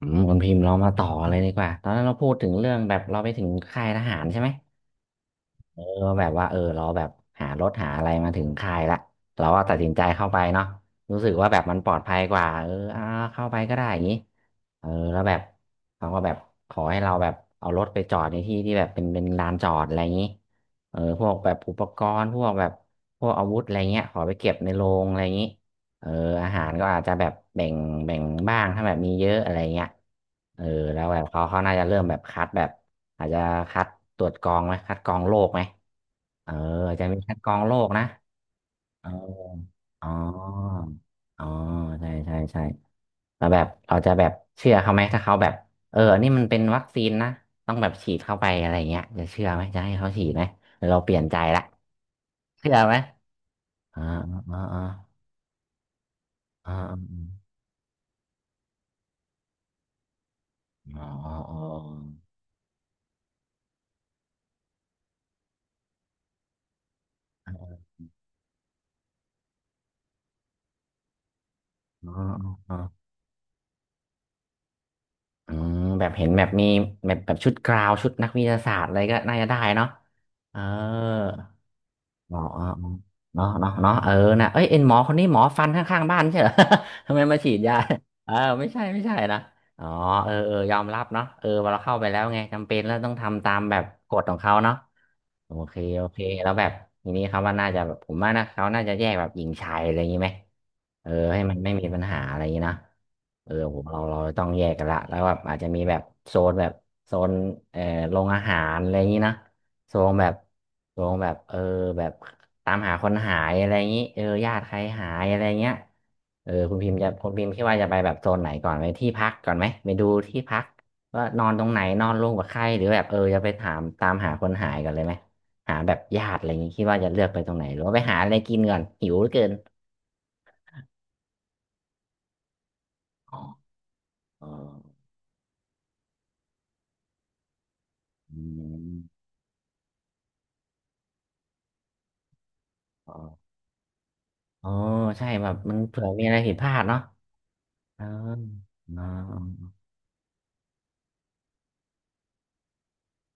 คุณพิมพ์เรามาต่อกันเลยดีกว่าตอนนั้นเราพูดถึงเรื่องแบบเราไปถึงค่ายทหารใช่ไหมเออแบบว่าเราแบบหารถหาอะไรมาถึงค่ายละเราก็ตัดสินใจเข้าไปเนาะรู้สึกว่าแบบมันปลอดภัยกว่าเข้าไปก็ได้อย่างนี้เออแล้วแบบเขาก็แบบขอให้เราแบบเอารถไปจอดในที่ที่แบบเป็นลานจอดอะไรอย่างนี้เออพวกแบบอุปกรณ์พวกแบบพวกอาวุธอะไรเงี้ยขอไปเก็บในโรงอะไรอย่างนี้ เอออาหารก็อาจจะแบบแบ่งแบ่งบ้างถ้าแบบมีเยอะอะไรเงี้ยเออแล้วแบบเขาน่าจะเริ่มแบบคัดแบบอาจจะคัดตรวจกรองไหมคัดกรองโรคไหมเอออาจจะมีคัดกรองโรคนะเอออ๋ออ๋อใช่ใช่ใช่แล้วแบบเราจะแบบเชื่อเขาไหมถ้าเขาแบบเอออันนี่มันเป็นวัคซีนนะต้องแบบฉีดเข้าไปอะไรเงี้ยจะเชื่อไหมจะให้เขาฉีดไหมหรือเราเปลี่ยนใจละเชื่อไหมอ่าอ่าอ่าอ่าอาอ๋ออ๋อ อ๋ออ๋ออืมแบบเห็นแบบมีแบบแบบชุดกราวชุดนักวิทยาศาสตร์อะไรก็น่าจะได้เนาะเอออ๋ออ๋ออ๋อเนาะเนาะเนาะเออนะเอ้ยเอ็นหมอคนนี้หมอฟันข้างๆบ้านไม่ใช่เหรอ ทำไมมาฉีดยาเออไม่ใช่ไม่ใช่นะอ๋อเออเออยอมรับเนาะเออพอเราเข้าไปแล้วไงจำเป็นแล้วต้องทำตามแบบกฎของเขาเนาะ โอเคโอเคแล้วแบบทีนี้เขาว่าน่าจะแบบผมว่านะเขาน่าจะแยกแบบหญิงชายอะไรอย่างนี้ไหมเออให้มันไม่มีปัญหาอะไรอย่างนี้นะเออผมเราต้องแยกกันละแล้วแบบอาจจะมีแบบโซนแบบโซนเอ่อโรงอาหารอะไรอย่างนี้นะโซนแบบโซนแบบเออแบบตามหาคนหายอะไรอย่างนี้เออญาติใครหายอะไรเงี้ยเออคุณพิมพ์จะคุณพิมพ์คิดว่าจะไปแบบโซนไหนก่อนไปที่พักก่อนไหมไปดูที่พักว่านอนตรงไหนนอนร่วมกับใครหรือแบบเออจะไปถามตามหาคนหายกันเลยไหม หาแบบญาติอะไรอย่างงี้คิดว่าจะเลือกไปตรงไหนหรือว่าไปหาอะไรกินก่อนหิวเหลือเกินอ๋ออ๋ออืมอ๋ออ๋อใช่แบบมันเผื่อมีอะไรผิดพลาดเนาะเอออ๋อ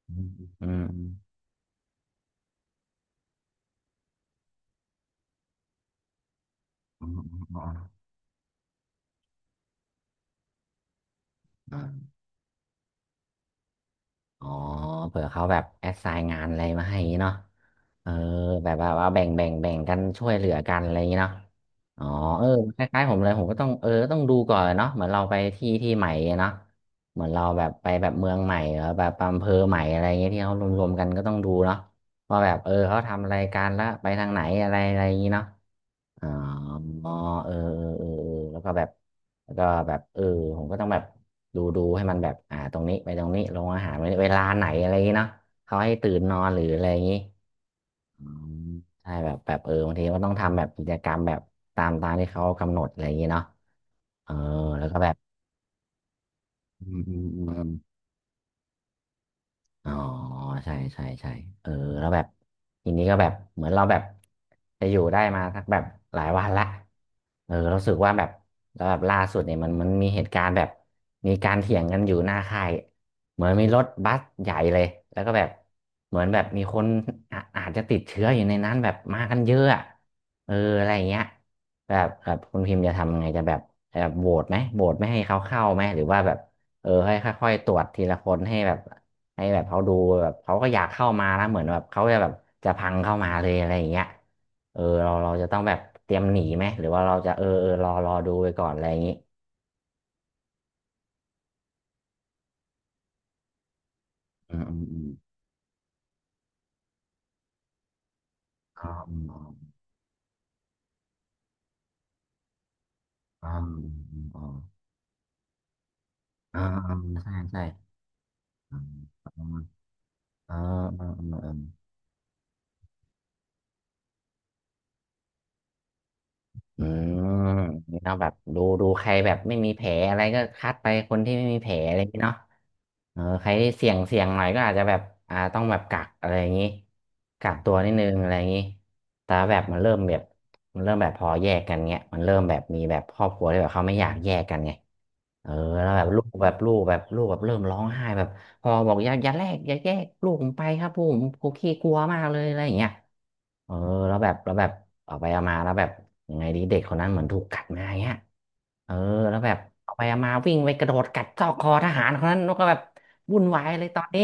อืมอืมอืมอืมอืมอืม อ๋อเผื่อเขาแบบแอสไซน์งานอะไรมาให้อย่างงี้เนาะเออแบบว่าว่าแบ่งแบ่งแบ่งกันช่วยเหลือกันอะไรอย่างงี้เนาะอ๋อเออคล้ายๆผมเลยผมก็ต้องเออต้องดูก่อนเนาะเหมือนเราไปที่ที่ใหม่เนาะเหมือนเราแบบไปแบบเมืองใหม่หรือแบบอำเภอใหม่อะไรอย่างเงี้ยที่เขารวมๆกันก็ต้องดูเนาะว่าแบบเออเขาทำอะไรกันแล้วไปทางไหนอะไรอะไรอย่างงี้เนาะ อ๋อเออเออเออเออแล้วก็แบบแล้วก็แบบเออผมก็ต้องแบบดูให้มันแบบตรงนี้ไปตรงนี้ลงอาหารเวลาไหนอะไรอย่างงี้เนาะเขาให้ตื่นนอนหรืออะไรอย่างงี้อืมใช่แบบแบบเออบางทีก็ต้องทำแบบกิจกรรมแบบตามที่เขากำหนดอะไรอย่างงี้เนาะเออแล้วก็แบบอืมอืมอืม อ๋อใช่ใช่ใช่เออแล้วแบบทีนี้ก็แบบเหมือนเราแบบจะอยู่ได้มาสักแบบหลายวันละเออเรารู้สึกว่าแบบแล้วแบบล่าสุดเนี่ยมันมีเหตุการณ์แบบมีการเถียงกันอยู่หน้าค่ายเหมือนมีรถบัสใหญ่เลยแล้วก็แบบเหมือนแบบมีคนอาจจะติดเชื้ออยู่ในนั้นแบบมากันเยอะอะเอออะไรอย่างเงี้ยแบบแบบคุณพิมพ์จะทำยังไงจะแบบแบบโหวตไหมโหวตไม่ให้เขาเข้าไหมหรือว่าแบบเออให้ค่อยๆตรวจทีละคนให้แบบ ให้แบบเขาดูแบบเขาก็อยากเข้ามาแล้วเหมือนแบบเขาจะแบบจะพังเข้ามาเลยอะไรอย่างเงี้ยเออเราจะต้องแบบเตรียมหนีไหมหรือว่าเราจะเออเออรอดูไปก่อนอะไรอย่างงี้อืมอืมอืมอ๋ออ๋ออืมอมอืมออืมอ๋ออ๋ออ๋อใช่ใช่อืมอืมอืมอือม อืมนี่เนาะแบบดูใครแบบไม่มีแผลอะไรก็คัดไปคนที่ไม่มีแผลอะไรอย่างงี้เนาะเออใครที่เสี่ยงหน่อยก็อาจจะแบบต้องแบบกักอะไรอย่างงี้กักตัวนิดนึงอะไรอย่างงี้แต่แบบมันเริ่มแบบมันเริ่มแบบพอแยกกันเงี้ยมันเริ่มแบบมีแบบครอบครัวที่แบบเขาไม่อยากแยกกันไงเออแล้วแบบลูกแบบเริ่มร้องไห้แบบพอบอกอย่าแยกลูกผมไปครับลูกผมผมขี้กลัวมากเลยอะไรอย่างเงี้ย เออแล้วแบบแล้วแบบเอาไปเอามาแล้วแบบยังไงดีเด็กคนนั้นเหมือนถูกกัดมาอย่างเงี้ยเออแล้วแบบเอาไปเอามาวิ่งไปกระโดดกัดซอกคอทหารคนนั้นแล้วก็แบบวุ่นวายเลยตอนนี้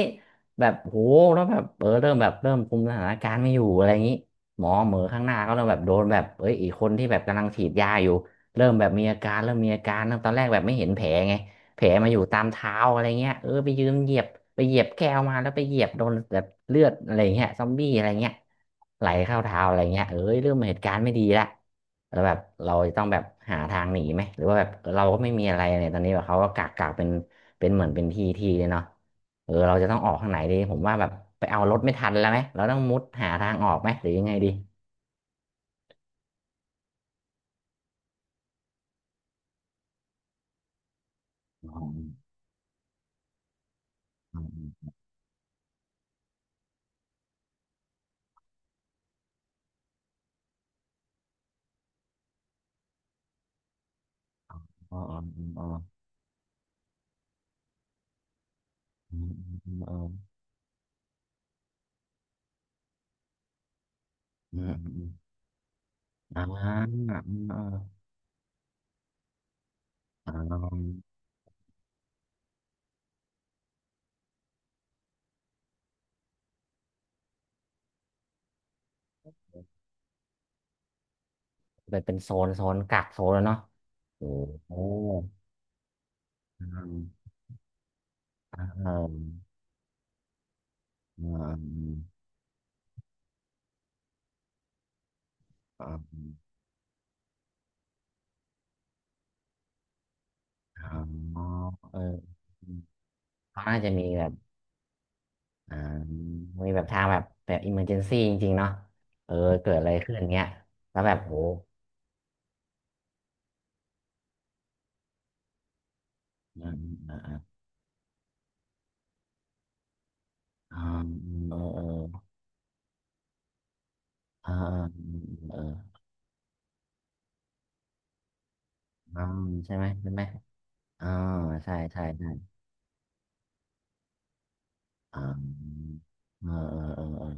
แบบโหแล้วแบบเออเริ่มแบบเริ่มคุมสถานการณ์ไม่อยู่อะไรอย่างนี้หมอข้างหน้าก็เริ่มแบบโดนแบบเอ้ยอีกคนที่แบบกำลังฉีดยาอยู่เริ่มแบบมีอาการเริ่มมีอาการเริ่มตอนแรกแบบไม่เห็นแผลไง แผลมาอยู่ตามเท้าอะไรเงี้ยเออไปยืนเหยียบไปเหยียบแก้วมาแล้วไปเหยียบโดนแบบเลือดอะไรเงี้ยซอมบี้อะไรเงี้ยไหลเข้าเท้าอะไรเงี้ยเอ้ยเริ่มเหตุการณ์ไม่ดีละแล้วแบบเราจะต้องแบบหาทางหนีไหมหรือว่าแบบเราก็ไม่มีอะไรเนี่ยตอนนี้แบบเขาก็กักเป็นเหมือนเป็นที่ที่เลยเนาะเออเราจะต้องออกทางไหนดีผมว่าแบบไปเอารถไม่ทันแล้วไหมเราต้องมุดหาทางออกไหมหรือยังไงดีอ๋ออ๋ออ๋ออ๋ออ๋ออ๋ออ๋ออ๋ออ๋ออืมอืมอืมอ่าอืมอ่า อ่าไปนเป็นโซนกักโซนแล้วเนาะโอ้โหอืมอ่าอ่าอ่าอ่าอ่าอ๋อเออเขาน่าจะมีแบบอ่ามีแบบทางแบบแบบอิมเมอร์เจนซี่จริงๆเนาะเออเกิดอะไรขึ้นเงี้ยแล้วแบบโหอ่าอ่าอ่าเออเอออ่าเอออ่าใช่ไหมใช่ไหมอ่าใช่ใช่ใช่อ่าเออเออเออเออ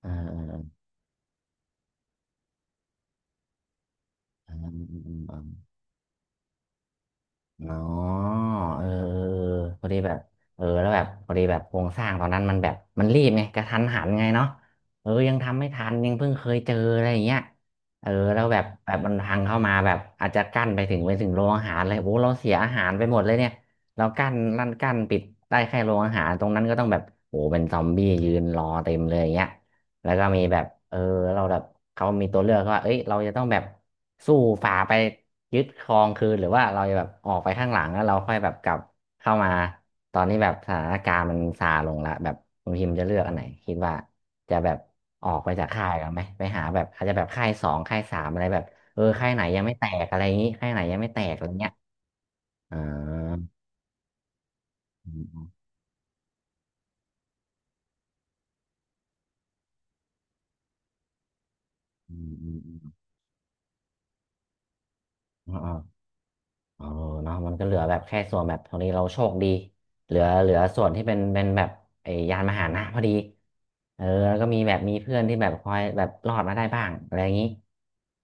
เออเออ อืมอืมอืมอมอ๋อเออเออเออพอดีแบบเออแล้วแบบพอดีแบบโครงสร้างตอนนั้นมันแบบมันรีบไงกระทันหันไงเนาะเออยังทำไม่ทันยังเพิ่งเคยเจออะไรอย่างเงี้ยเออแล้วแบบแบบมันพังเข้ามาแบบอาจจะกั้นไปถึงโรงอาหารเลยโอ้เราเสียอาหารไปหมดเลยเนี่ยเรากั้นลั่นกั้นปิดได้แค่โรงอาหารตรงนั้นก็ต้องแบบโอ้เป็นซอมบี้ยืนรอเต็มเลยอย่างเงี้ย แล้วก็มีแบบเออเราแบบเขามีตัวเลือกว่าเอ้ยเราจะต้องแบบสู้ฝ่าไปยึดครองคืนหรือว่าเราจะแบบออกไปข้างหลังแล้วเราค่อยแบบกลับเข้ามาตอนนี้แบบสถานการณ์มันซาลงละแบบคุณพิมพ์จะเลือกอันไหนคิดว่าจะแบบออกไปจากค่ายกันไหมไปหาแบบอาจจะแบบค่ายสองค่ายสามอะไรแบบเออค่ายไหนยังไม่แตกอะไรอย่างนี้ค่ายไหนยังไม่แตกอะไรเงี้ยอ่าอืมอืมอืมอืมอืม เออเนาะมันก็เหลือแบบแค่ส่วนแบบตรงนี้เราโชคดีเหลือส่วนที่เป็นแบบไอ้ยานมหานะพอดีเออแล้วก็มีแบบมีเพื่อนที่แบบคอยแบบรอดมาได้บ้างอะไรอย่างนี้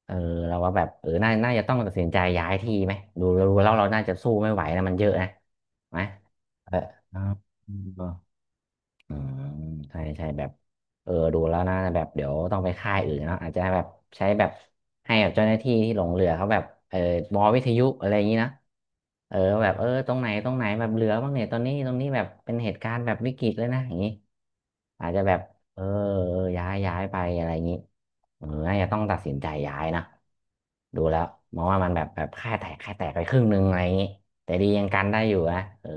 เออเราก็แบบเออน่าจะต้องตัดสินใจย้ายที่ไหมดูแล้วเราน่าจะสู้ไม่ไหวนะมันเยอะนะไหมเออ อืมใช่ใช่แบบเออดูแล้วนะแบบเดี๋ยวต้องไปค่ายอื่นเนาะอาจจะแบบใช้แบบให้แบบเจ้าหน้าที่ที่หลงเรือเขาแบบเออมอวิทยุอะไรอย่างนี้นะเออแบบเออตรงไหนตรงไหนแบบเรือบ้างเนี่ยตอนนี้ตรงนี้แบบเป็นเหตุการณ์แบบวิกฤตเลยนะอย่างนี้อาจจะแบบเออย้ายไปอะไรอย่างนี้เออน่าจะต้องตัดสินใจย้ายนะดูแล้วมองว่ามันแบบแบบค่ายแตกไปครึ่งหนึ่งอะไรอย่างนี้แต่ดียังกันได้อยู่นะเออ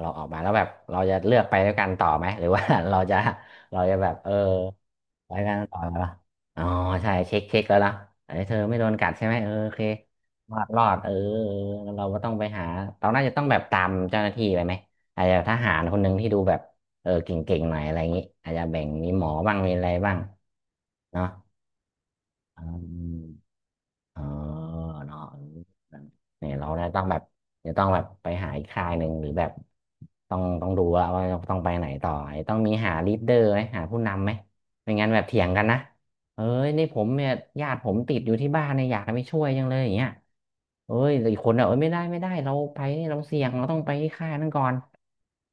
เราออกมาแล้วแบบเราจะเลือกไปด้วยกันต่อไหมหรือว่า เราจะ เราจะแบบเออไปกันต่อไหระอ๋อใช่เช็คแล้วนะไอ้ยเธอไม่โดนกัดใช่ไหมเออโอเครอดเออเออเราก็ต้องไปหาเราน่าจะต้องแบบตามเจ้าหน้าที่ไปไหมอาจจะทหารคนหนึ่งที่ดูแบบเออเก่งๆหน่อยอะไรอย่างงี้อาจจะแบ่งมีหมอบ้างมีอะไรบ้างเนาะอืม เออเนาะเอนี่ยเราเนี่ยต้องแบบจะต้องแบบไปหาอีกค่ายหนึ่งหรือแบบต้องดูว่าต้องไปไหนต่อไอ้ต้องมีหาลีดเดอร์ไหมหาผู้นำไหมไม่งั้นแบบเถียงกันนะเอ้ยนี่ผมเนี่ยญาติผมติดอยู่ที่บ้านเนี่ยอยากให้ไปช่วยจังเลยอย่างเงี้ยเอ้ยแต่อีกคนอ่ะเอ้ยไม่ได้เราไปเนี่ยเราเสี่ยงเราต้องไปที่ค่ายนั้นก่อน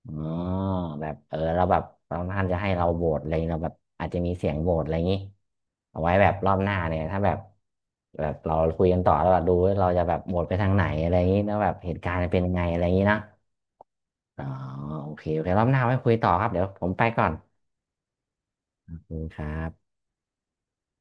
อ๋อแบบเออเราแ้บบบางท่านจะให้เราโหวตอะไรองเราแบบอาจจะมีเสียงโหวตอะไรอย่างนี้เอาไว้แบบรอบหน้าเนี่ยถ้าแบบแบบเราคุยกันต่อแล้วแบบดูว่าเราจะแบบโหวตไปทางไหนอะไรอย่างนี้แล้วแบบเหตุการณ์จะเป็นยังไงอะไรอย่างนี้นะอ๋อโอเครอบหน้าไว้คุยต่อครับเดี๋ยวผมไปก่อนขอบคุณครับ